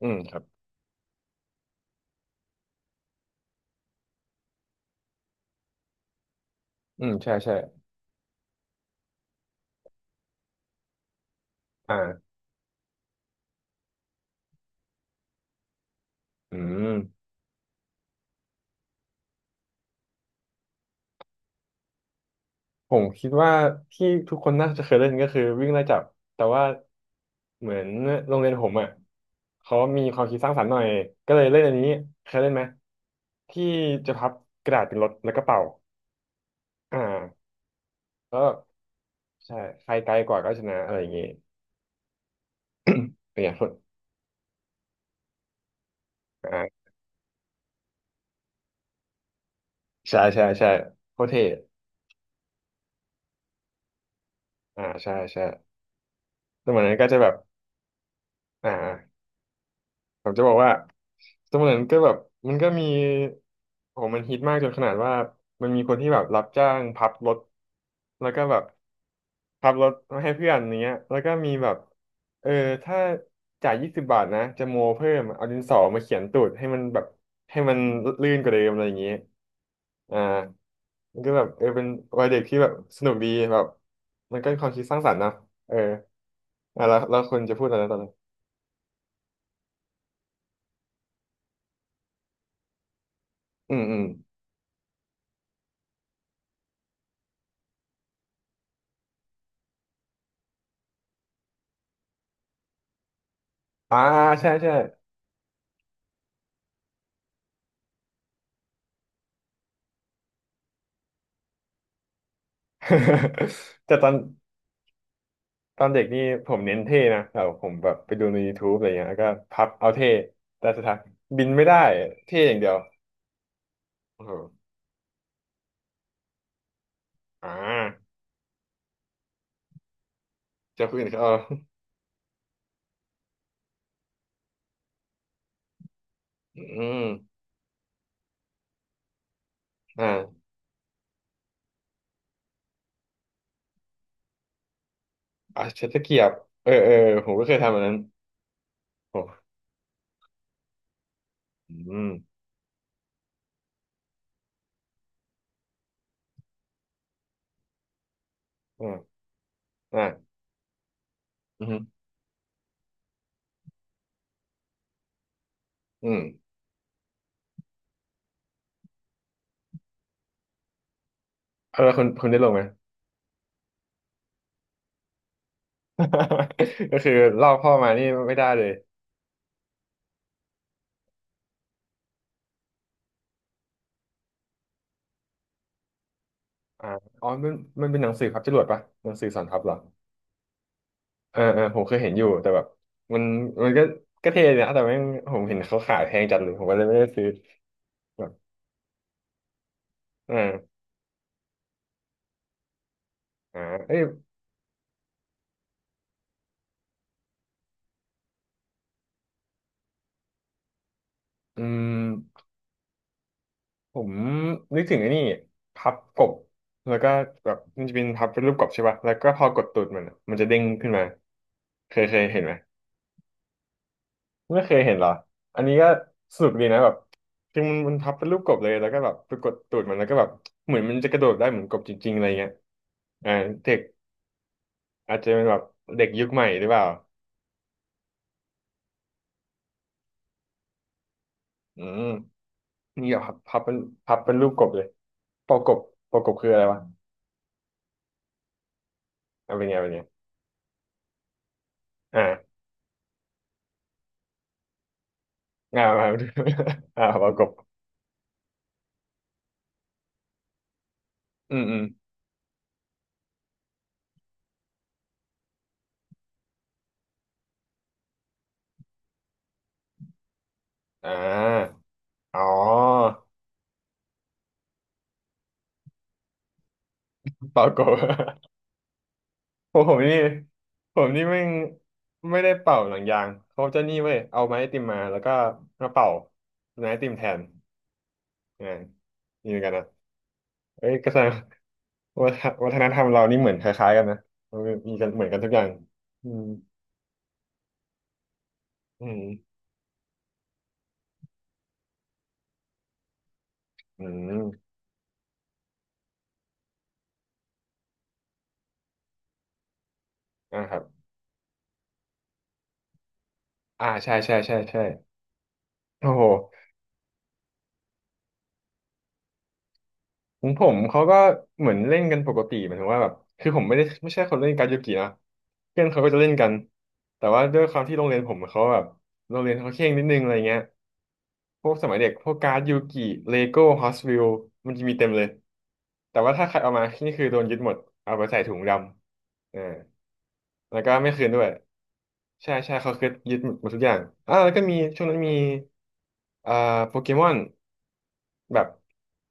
อืมครับอืมใช่ใช่อ่าอืมผมคิดว่าที่ทุกคนน่าจะเคยเล่นก็คือวิ่งไล่จับแต่ว่าเหมือนโรงเรียนผมอ่ะเขามีความคิดสร้างสรรค์หน่อยก็เลยเล่นอันนี้เคยเล่นไหมที่จะพับกระดาษเป็นรถแล้วก็เป่าอ่าแล้วใช่ใครไกลกว่าก็ชนะอะไรอย่างงี้เป็นอย่างคนอ่าใช่ใช่ใช่โคตรเท่อ่าใช่ใช่แต่เหมือนนั้นก็จะแบบอ่า ผมจะบอกว่าสมัยนั้นก็แบบมันก็มีโหมันฮิตมากจนขนาดว่ามันมีคนที่แบบรับจ้างพับรถแล้วก็แบบพับรถมาให้เพื่อนอย่างเงี้ยแล้วก็มีแบบเออถ้าจ่าย20 บาทนะจะโมเพิ่มเอาดินสอมาเขียนตูดให้มันแบบให้มันลื่นกว่าเดิมอะไรอย่างเงี้ยอ่ามันก็แบบเออเป็นวัยเด็กที่แบบสนุกดีแบบมันก็เป็นความคิดสร้างสรรค์นะเอออ่ะแล้วคุณจะพูดอะไรตอนนั้นอืมอืมอ่าใช่ใช่ แต่ตอนเด็กนี่ผมเน้นเท่นะแต่ผมแบบไปดูใน YouTube อะไรเงี้ยแล้วก็พับเอาเท่แต่สุดท้ายบินไม่ได้เท่อย่างเดียวโอ้โหอ่าเจ้าคนอื่นเขาเอาอืมอ่าอ่าใช้ตะเกียบเออเออผมก็เคยทำอันนั้นโอ้อืมอ่าอ่าอืมอืมเอาแล้วคุณได้ลงไหม ก็คือลอกพ่อมานี่ไม่ได้เลยอ่าอ๋อมันเป็นหนังสือพับจรวดปะหนังสือสอนพับเหรอ เออเออผมเคยเห็นอยู่แต่แบบมันมันก็เท่ดีนะแต่แม่งผมเห็นเขาขายแพงจัดเลยผมก็เลยไม่ได้ซื้อแบบเอออ่าเอ้ยอืมผมนึกถึงไอ้นี่พับกบแล้วก็แบบมันจะเป็นพับเป็นรูปกบใช่ป่ะแล้วก็พอกดตูดมันอะมันจะเด้งขึ้นมาเคยเห็นไหมไม่เคยเห็นเหรออันนี้ก็สนุกดีนะแบบคือมันพับเป็นรูปกบเลยแล้วก็แบบไปกดตูดมันแล้วก็แบบเหมือนมันจะกระโดดได้เหมือนกบจริงๆอะไรเงี้ยอ่าเด็กอาจจะเป็นแบบเด็กยุคใหม่หรือเปล่า อืมนี่เหรอยับพับเป็นพับเป็นรูปกบเลยปอกบปอกบคืออะไรวะเอาเป็นไงอ่าอ่ามาดู อ่าปอกบอืมอืมอ่าอ๋อเป่ากบ ผมนี่ผมนี่ไม่งไม่ได้เป่าหนังยางเขาจะนี่เว้ยเอาไม้ไอติมมาแล้วก็มาเป่าไม้ไอติมแทนอ่านี่เหมือนกันนะเอ้ยก็แสดงวัฒนธรรมเรานี่เหมือนคล้ายๆกันนะมันมีกันเหมือนกันทุกอย่างอืมอืมอืมอ่าครับ อ่าใช่ใช่โอ้โหของผมเขาก็เหมือนเล่นกันปกติเหมือนว่าแบบคือผมไม่ใช่คนเล่นการ์ดยูกินะเพื่อนเขาก็จะเล่นกันแต่ว่าด้วยความที่โรงเรียนผมเขาแบบโรงเรียนเขาเคร่งนิดนึงอะไรเงี้ยพวกสมัยเด็กพวกการ์ดยูกิเลโก้ฮอสวิลมันจะมีเต็มเลยแต่ว่าถ้าใครเอามานี่คือโดนยึดหมดเอาไปใส่ถุงดำอ่าแล้วก็ไม่คืนด้วยใช่ใช่เขาคือยึดหมดทุกอย่างอ่าแล้วก็มีช่วงนั้นมีอ่าโปเกมอน แบบ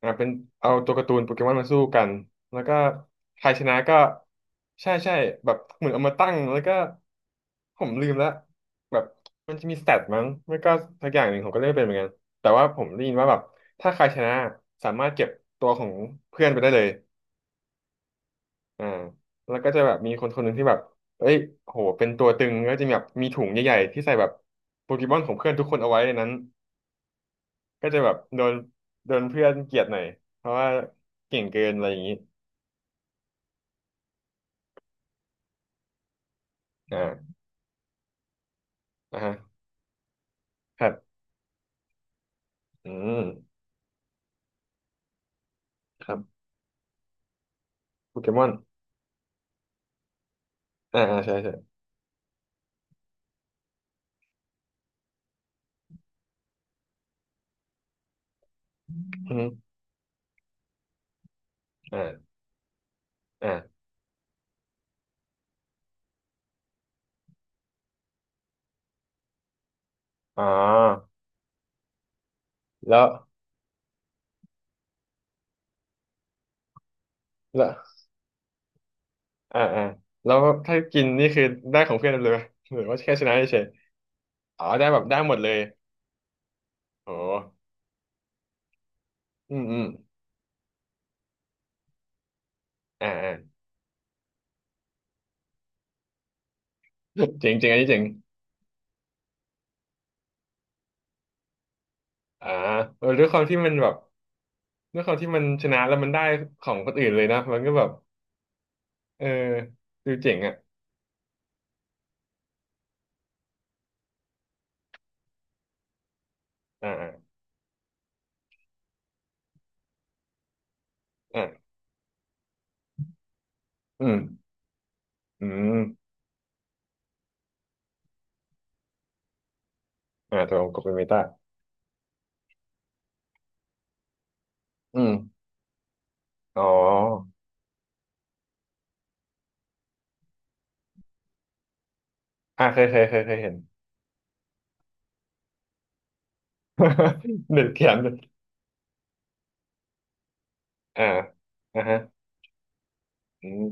อ่าเป็นเอาตัวการ์ตูนโปเกมอนมาสู้กันแล้วก็ใครชนะก็ใช่ใช่แบบเหมือนเอามาตั้งแล้วก็ผมลืมแล้วแบบมันจะมีสเตตมั้งไม่ก็สักอย่างหนึ่งผมก็เล่นไม่เป็นเหมือนกันแต่ว่าผมได้ยินว่าแบบถ้าใครชนะสามารถเก็บตัวของเพื่อนไปได้เลยอ่าแล้วก็จะแบบมีคนหนึ่งที่แบบเอ้ยโหเป็นตัวตึงก็จะมีแบบมีถุงใหญ่ๆที่ใส่แบบโปเกมอนของเพื่อนทุกคนเอาไว้ในนั้น ก็จะแบบโดนเพื่อนเกลียดหน่อยเพราะว่าเก่งเกินอะไรอย่างนี้อ่าอ่าฮะครับอืมครับโปเกมอนอ่าอ่าใช่ใช่อืมอ่าอ่าอ๋อแล้วแล้วอ่าอ่าแล้วถ้ากินนี่คือได้ของเพื่อนเลยไหมหรือว่าแค่ชนะเฉยอ๋อได้แบบได้หมดเลยโอ้อืมอืมอ่าอ่าเจ๋งอันนี้เจ๋งอ่าเออด้วยความที่มันแบบด้วยความที่มันชนะแล้วมันได้ของคนอื่นเลยนะมันก็แบบเออดูเจ๋งอ่ะอ่าอ่า อืมอืมอ่าตวองค์กับเป็นเมตาอืมอ๋ออ่าเคยเห็น เด็กเขียนอ่าอ่าฮะอืม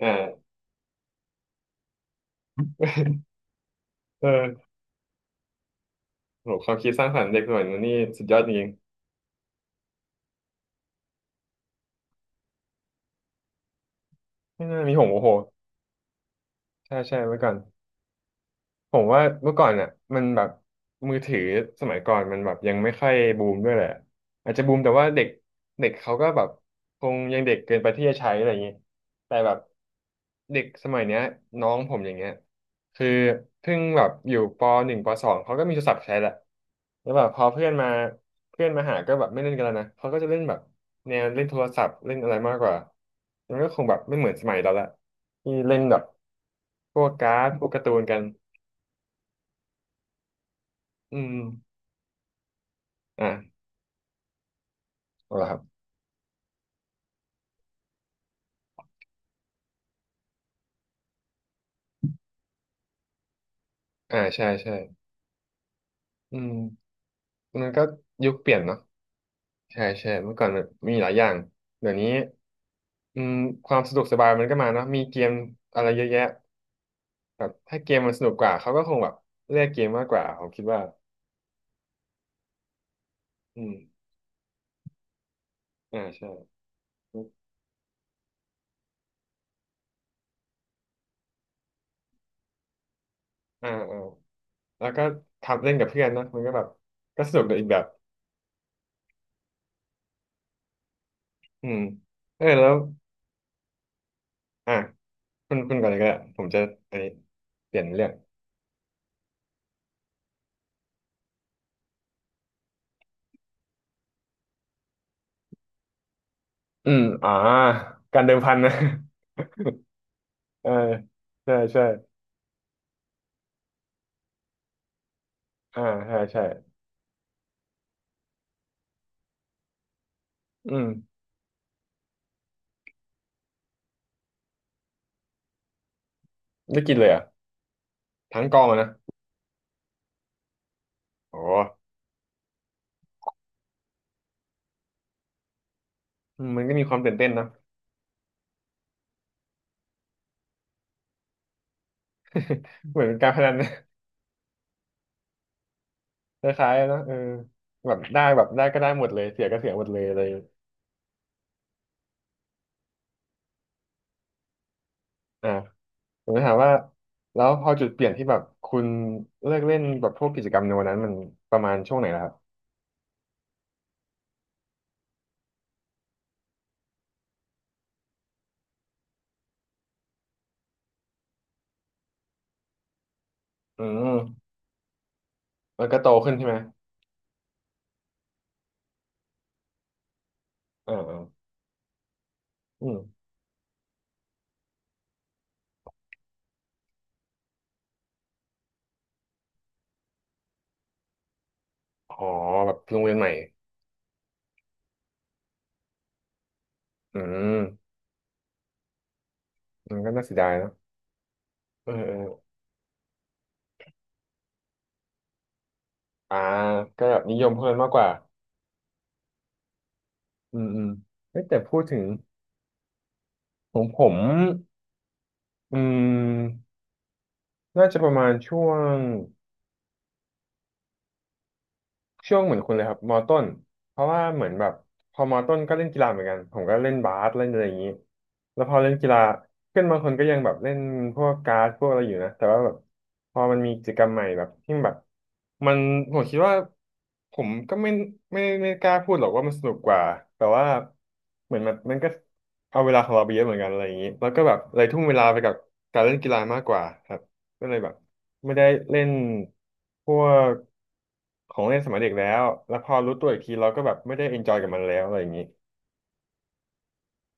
อ่าเออโหความคิดสร้างสรรค์เด็กสมัยนี้นี่สุดยอดจริงๆไม่น่ามีหงโอ้โหใช่ใช่เมื่อก่อน ผมว่าเมื่อก่อนอ่ะมันแบบมือถือสมัยก่อนมันแบบยังไม่ค่อยบูมด้วยแหละอาจจะบูมแต่ว่าเด็กเด็กเขาก็แบบคงยังเด็กเกินไปที่จะใช้อะไรอย่างงี้แต่แบบเด็กสมัยเนี้ยน้องผมอย่างเงี้ย คือเพิ่งแบบอยู่ปหนึ่งปสองเขาก็มีโทรศัพท์ใช้แหละแล้วแบบพอเพื่อนมาเพื่อนมาหาก็แบบไม่เล่นกันแล้วนะเขาก็จะเล่นแบบแนวเล่นโทรศัพท์เล่นอะไรมากกว่ามันก็คงแบบไม่เหมือนสมัยเราละที่เล่นแบบพวกการ์ดพวกการ์ตูนกันอืมอ่าเอาละครับอ่าใช่ใช่อืมมันก็ยุคเปลี่ยนเนาะใช่ใช่เมื่อก่อนมันมีหลายอย่างเดี๋ยวนี้อืมความสะดวกสบายมันก็มาเนาะมีเกมอะไรเยอะแยะ แบบถ้าเกมมันสนุกกว่าเขาก็คงแบบเลือกเกมมากกว่าผมคิดว่าอืมอ่าใช่อ่าอ่าแล้วก็ทำเล่นกับเพื่อนเนอะมันก็แบบก็สนุกในอีกแบบอืมเออแล้วอ่ะคุณก่อนเลยก็ได้ผมจะอันนี้เปลี่ยนเรื่องอืมอ่าการเดิมพันนะ เออใช่ใช่อ่าใช่ใช่อืมได้กินเลยเหรอ่ะทั้งกองอะนะโอ้อืมมันก็มีความตื่นเต้นนะเหมือนเป็นการพนันนะ คล้ายๆนะเออแบบได้แบบได้ก็ได้หมดเลยเสียก็เสียหมดเลยอะไร อ่าผมจะถามว่าแล้วพอจุดเปลี่ยนที่แบบคุณเลิกเล่นแบบพวกกิจกรรมในวันนั้นมันประมาณช่วงไหนล่ะครับอืมมันก็โตขึ้นใช่ไหมอ่าอาอืมอ๋อแบบโรงเรียนใหม่อืมมันก็น่าเสียดายเนอะเออเอออ่าก็แบบนิยมเพื่อนมากกว่าอืมอืมเฮ้ยแต่พูดถึงของผมอืมน่าจะประมาณช่วง ช่วงเหมือนคุณเลยครับมอต้นเพราะว่าเหมือนแบบพอมอต้นก็เล่นกีฬาเหมือนกันผมก็เล่นบาสเล่นอะไรอย่างนี้แล้วพอเล่นกีฬาเพื่อนบางคนก็ยังแบบเล่นพวกการ์ดพวกอะไรอยู่นะแต่ว่าแบบพอมันมีกิจกรรมใหม่แบบที่แบบมันผมคิดว่าผมก็ไม่ไม่กล้าพูดหรอกว่ามันสนุกกว่าแต่ว่าเหมือนมันก็เอาเวลาของเราไปเยอะเหมือนกันอะไรอย่างนี้แล้วก็แบบเลยทุ่มเวลาไปกับการเล่นกีฬามากกว่าครับ ก็เลยแบบไม่ได้เล่นพวกของเล่นสมัยเด็กแล้วแล้วพอรู้ตัวอีกทีเราก็แบบไม่ได้เอนจอยกับมันแล้วอะไรอย่างนี้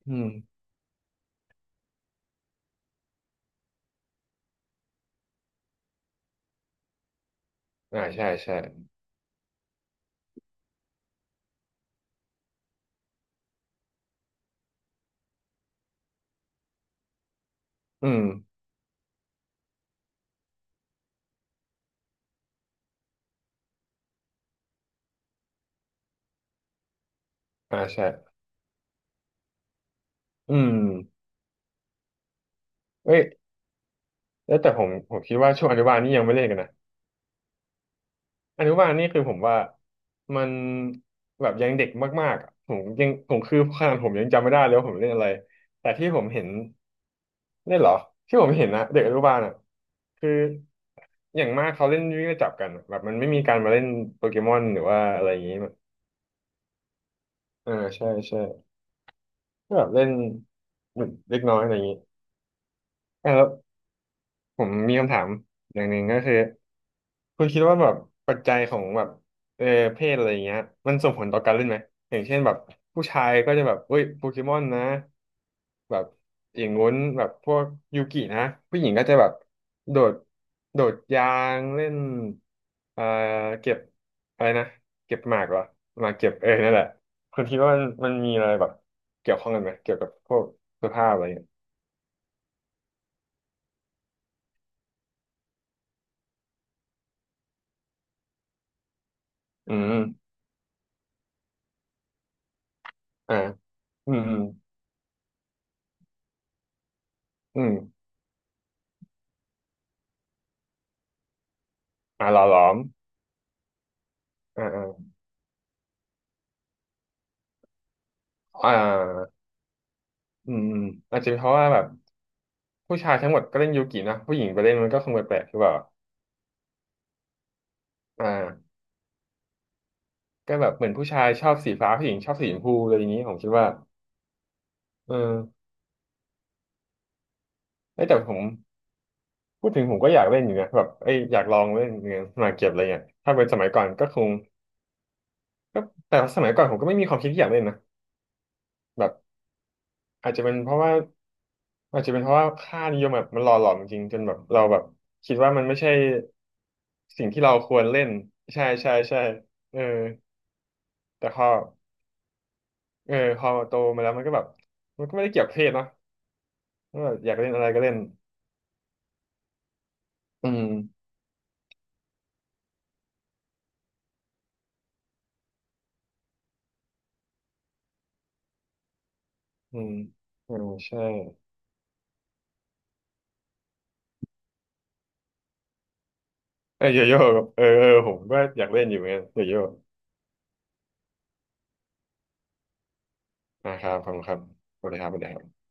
อืมอ่าใช่ใช่อืมอ่าใช่อืมเอ้ยแล้วแต่ผมคิดว่าช่วงอนุบาลนี่ยังไม่เล่นกันนะอนุบาลนี่คือผมว่ามันแบบยังเด็กมากๆอะผมยังผมคือขนาดผมยังจำไม่ได้เลยว่าผมเล่นอะไรแต่ที่ผมเห็นเล่นเหรอที่ผมเห็นนะเด็กอนุบาลอ่ะคือ อย่างมากเขาเล่นวิ่งไล่จับกันอะแบบมันไม่มีการมาเล่นโปเกมอนหรือว่าอะไรอย่างนี้มาเออใช่ใช่ก็แบบเล่นเหมือนเล็กน้อยอะไรอย่างนี้อ่ะแล้วผมมีคำถามอย่างหนึ่งก็คือคุณคิดว่าแบบปัจจัยของแบบเออเพศอะไรอย่างเงี้ยมันส่งผลต่อการเล่นไหมอย่างเช่นแบบผู้ชายก็จะแบบเอ้ยโปเกมอนนะ แบบอย่างงู้นแบบพวกยูกินะผู้หญิงก็จะแบบโดดโดดยางเล่นเอ่อเก็บอะไรนะเก็บหมากเหรอหมากเก็บเออนั่นแหละคุณคิดว่ามันมีอะไรแบบเกี่ยวข้องกันไหมเกี่ยวกับพวกเสื้อผ้าอะไรเงี้ยอืมอ่าอืมอืมอืมอ่าหล่อหลอมอ่าอ่าอ่าอืมอืมอาจจะเป็นเพราะว่าแบบผู้ชายทั้งหมดก็เล่นยูกินะผู้หญิงไปเล่นมันก็คงแปลกๆหรือเปล่าอ่า ก็แบบเหมือนผู้ชายชอบสีฟ้าผู้หญิงชอบสีชมพูอะไรอย่างนี้ผมคิดว่าเออเอ้ยแต่ผมพูดถึงผมก็อยากเล่นอยู่นะแบบเอ้ยอยากลองเล่นเงินมาเก็บอะไรเงี้ยถ้าเป็นสมัยก่อนก็คงก็แต่สมัยก่อนผมก็ไม่มีความคิดที่อยากเล่นนะแบบอาจจะเป็นเพราะว่าอาจจะเป็นเพราะว่าค่านิยมแบบมันหล่อหลอมจริงๆจนแบบเราแบบคิดว่ามันไม่ใช่สิ่งที่เราควรเล่นใช่ใช่ใช่เออแต่พอเออพอโตมาแล้วมันก็แบบมันก็ไม่ได้เกี่ยวกับเพศเนอะก็แบบอยากเล่นอะไรก็เล่นอืม อืมอืมใช่เออโยโย่กับเออเออผมก็อยากเล่นอยู่เหมือนกันโยโย่นะครับขอบคุณครับสวัสดีครับสวัสดีครับ